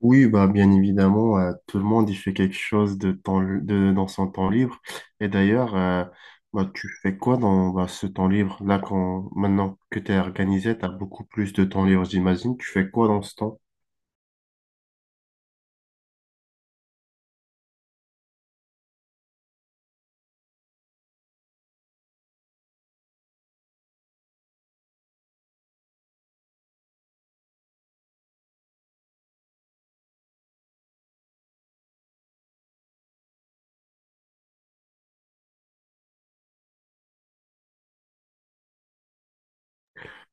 Oui, bah, bien évidemment, tout le monde y fait quelque chose de temps, dans son temps libre. Et d'ailleurs, bah, tu fais quoi dans bah, ce temps libre? Là, quand, maintenant que tu es organisé, tu as beaucoup plus de temps libre, j'imagine. Tu fais quoi dans ce temps?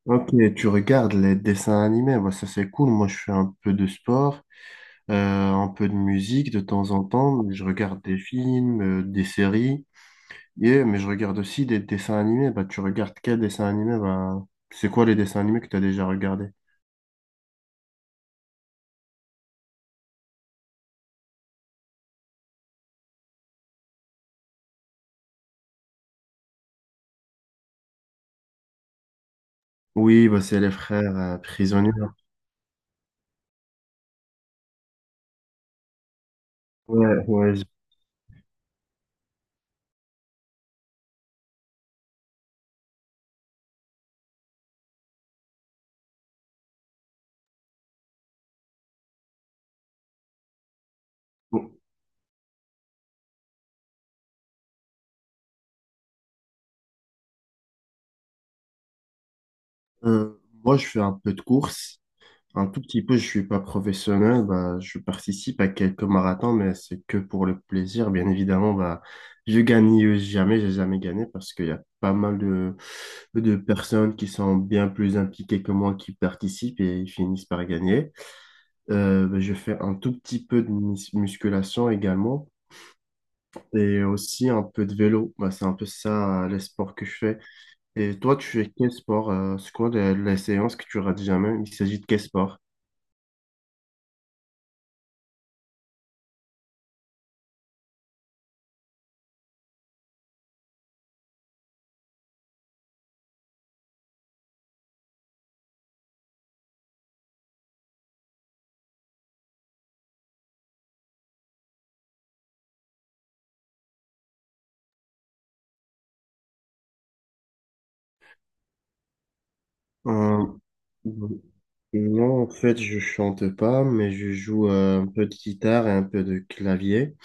Ok, tu regardes les dessins animés, bah, ça c'est cool. Moi, je fais un peu de sport, un peu de musique de temps en temps. Je regarde des films, des séries, et, mais je regarde aussi des dessins animés. Bah, tu regardes quels dessins animés? Bah, c'est quoi les dessins animés que tu as déjà regardés? Oui, bah, c'est les frères prisonniers, hein. Ouais, ouais. Bon, euh, moi, je fais un peu de course, un tout petit peu. Je suis pas professionnel. Bah, je participe à quelques marathons, mais c'est que pour le plaisir. Bien évidemment, bah, je gagne jamais. J'ai jamais gagné parce qu'il y a pas mal de personnes qui sont bien plus impliquées que moi qui participent et ils finissent par gagner. Bah, je fais un tout petit peu de musculation également. Et aussi un peu de vélo. Bah, c'est un peu ça, les sports que je fais. Et toi, tu fais quel sport? C'est quoi les séances que tu rates jamais? Il s'agit de quel sport? Euh, non, en fait, je chante pas, mais je joue un peu de guitare et un peu de clavier.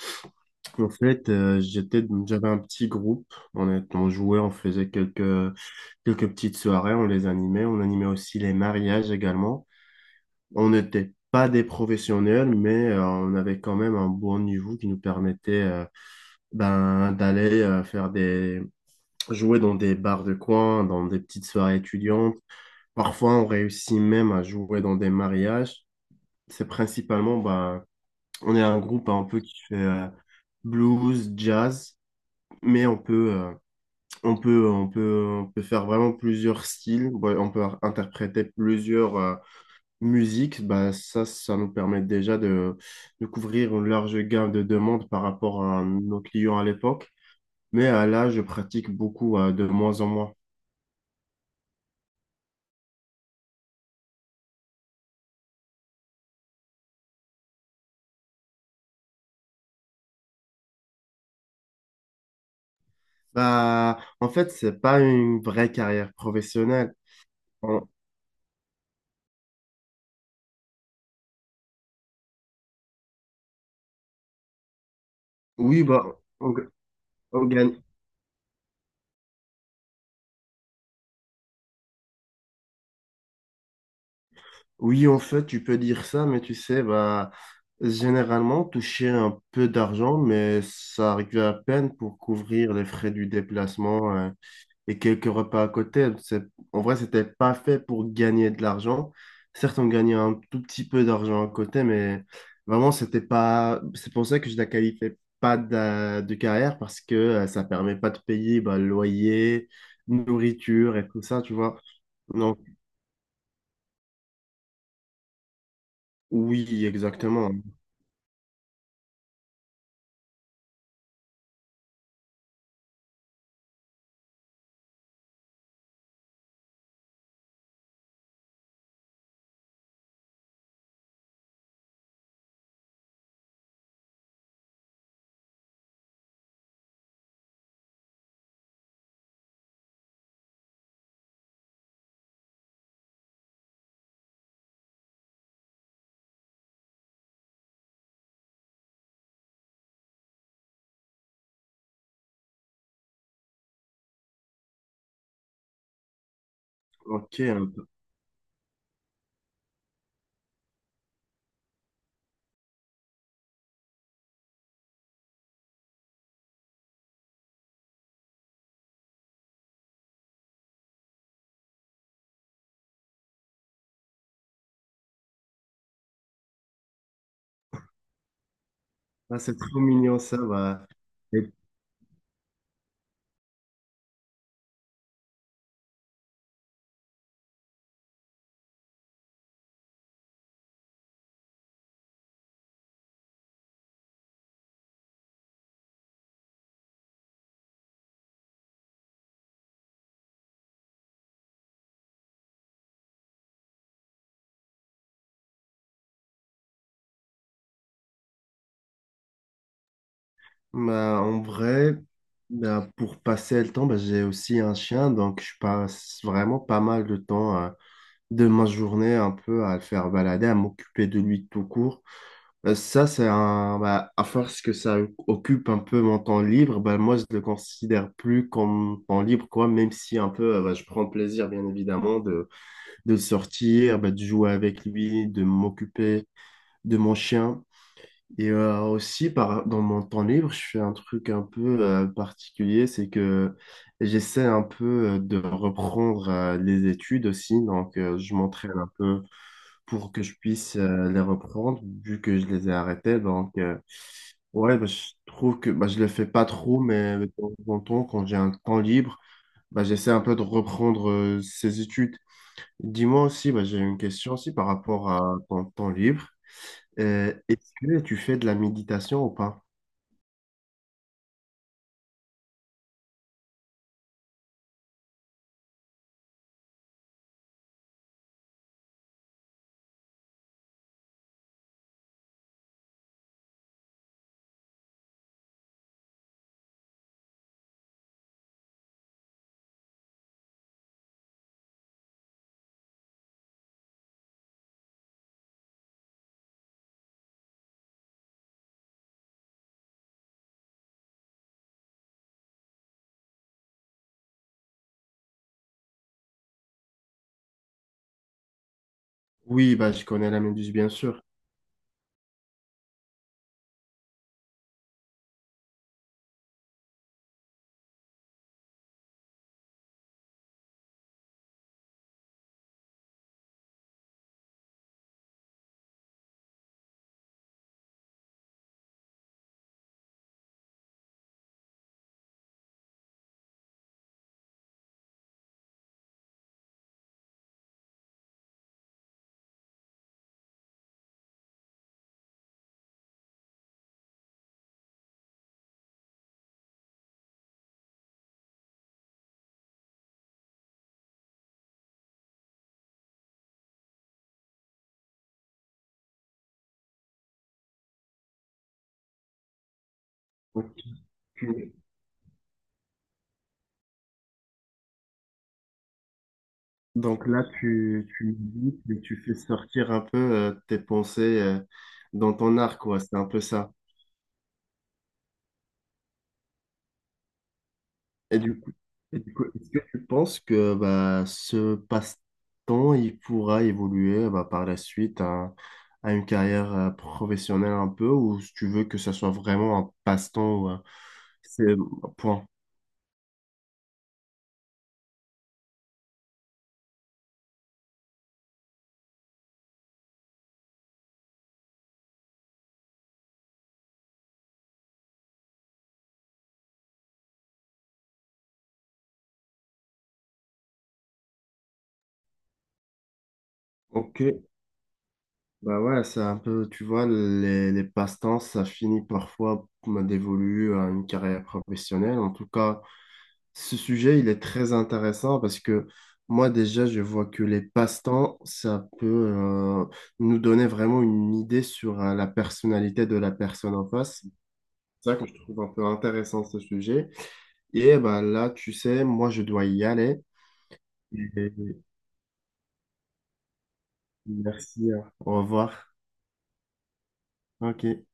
En fait, j'avais un petit groupe. On jouait, on faisait quelques, quelques petites soirées, on les animait. On animait aussi les mariages également. On n'était pas des professionnels, mais on avait quand même un bon niveau qui nous permettait ben, d'aller faire des jouer dans des bars de coin, dans des petites soirées étudiantes. Parfois, on réussit même à jouer dans des mariages. C'est principalement, bah, on est un groupe un peu qui fait blues, jazz, mais on peut faire vraiment plusieurs styles. Ouais, on peut interpréter plusieurs musiques. Bah, ça nous permet déjà de couvrir une large gamme de demandes par rapport à nos clients à l'époque. Mais là, je pratique beaucoup de moins en moins. Bah, en fait, c'est pas une vraie carrière professionnelle. On- oui, bah, on, on gagne. Oui, en fait, tu peux dire ça, mais tu sais, bah, généralement, toucher un peu d'argent, mais ça arrive à peine pour couvrir les frais du déplacement, et quelques repas à côté, hein. En vrai, c'était pas fait pour gagner de l'argent. Certes, on gagnait un tout petit peu d'argent à côté, mais vraiment, c'était pas. C'est pour ça que je la qualifiais pas carrière parce que ça permet pas de payer bah, le loyer, nourriture et tout ça, tu vois. Non, oui, exactement. Ok, un peu. Ah, c'est trop mignon ça. Bah. Bah, en vrai, bah, pour passer le temps, bah, j'ai aussi un chien, donc je passe vraiment pas mal de temps de ma journée un peu à le faire balader, à m'occuper de lui tout court. Ça, bah, à force que ça occupe un peu mon temps libre, bah, moi, je le considère plus comme temps libre, quoi, même si un peu, bah, je prends plaisir, bien évidemment, de sortir, bah, de jouer avec lui, de m'occuper de mon chien. Et aussi, par, dans mon temps libre, je fais un truc un peu particulier, c'est que j'essaie un peu de reprendre les études aussi, donc je m'entraîne un peu pour que je puisse les reprendre, vu que je les ai arrêtées. Donc, ouais, bah, je trouve que bah, je le fais pas trop, mais de temps en temps, quand j'ai un temps libre, bah, j'essaie un peu de reprendre ces études. Dis-moi aussi, bah, j'ai une question aussi par rapport à ton temps libre. Est-ce que tu fais de la méditation ou pas? Oui, bah, je connais la Méduse, bien sûr. Donc, tu- donc là, tu médites et tu fais sortir un peu tes pensées dans ton art, quoi. C'est un peu ça. Et du coup, et du coup, est-ce que tu penses que bah, ce passe-temps, il pourra évoluer bah, par la suite à une carrière professionnelle un peu, ou si tu veux que ça soit vraiment un passe-temps ou c'est point. Ok. Bah ouais, c'est un peu, tu vois, les passe-temps, ça finit parfois me dévolu à une carrière professionnelle. En tout cas, ce sujet, il est très intéressant parce que moi, déjà, je vois que les passe-temps, ça peut nous donner vraiment une idée sur la personnalité de la personne en face. C'est ça que je trouve un peu intéressant, ce sujet. Et bah là, tu sais, moi, je dois y aller. Et merci, hein. Au revoir. Ok.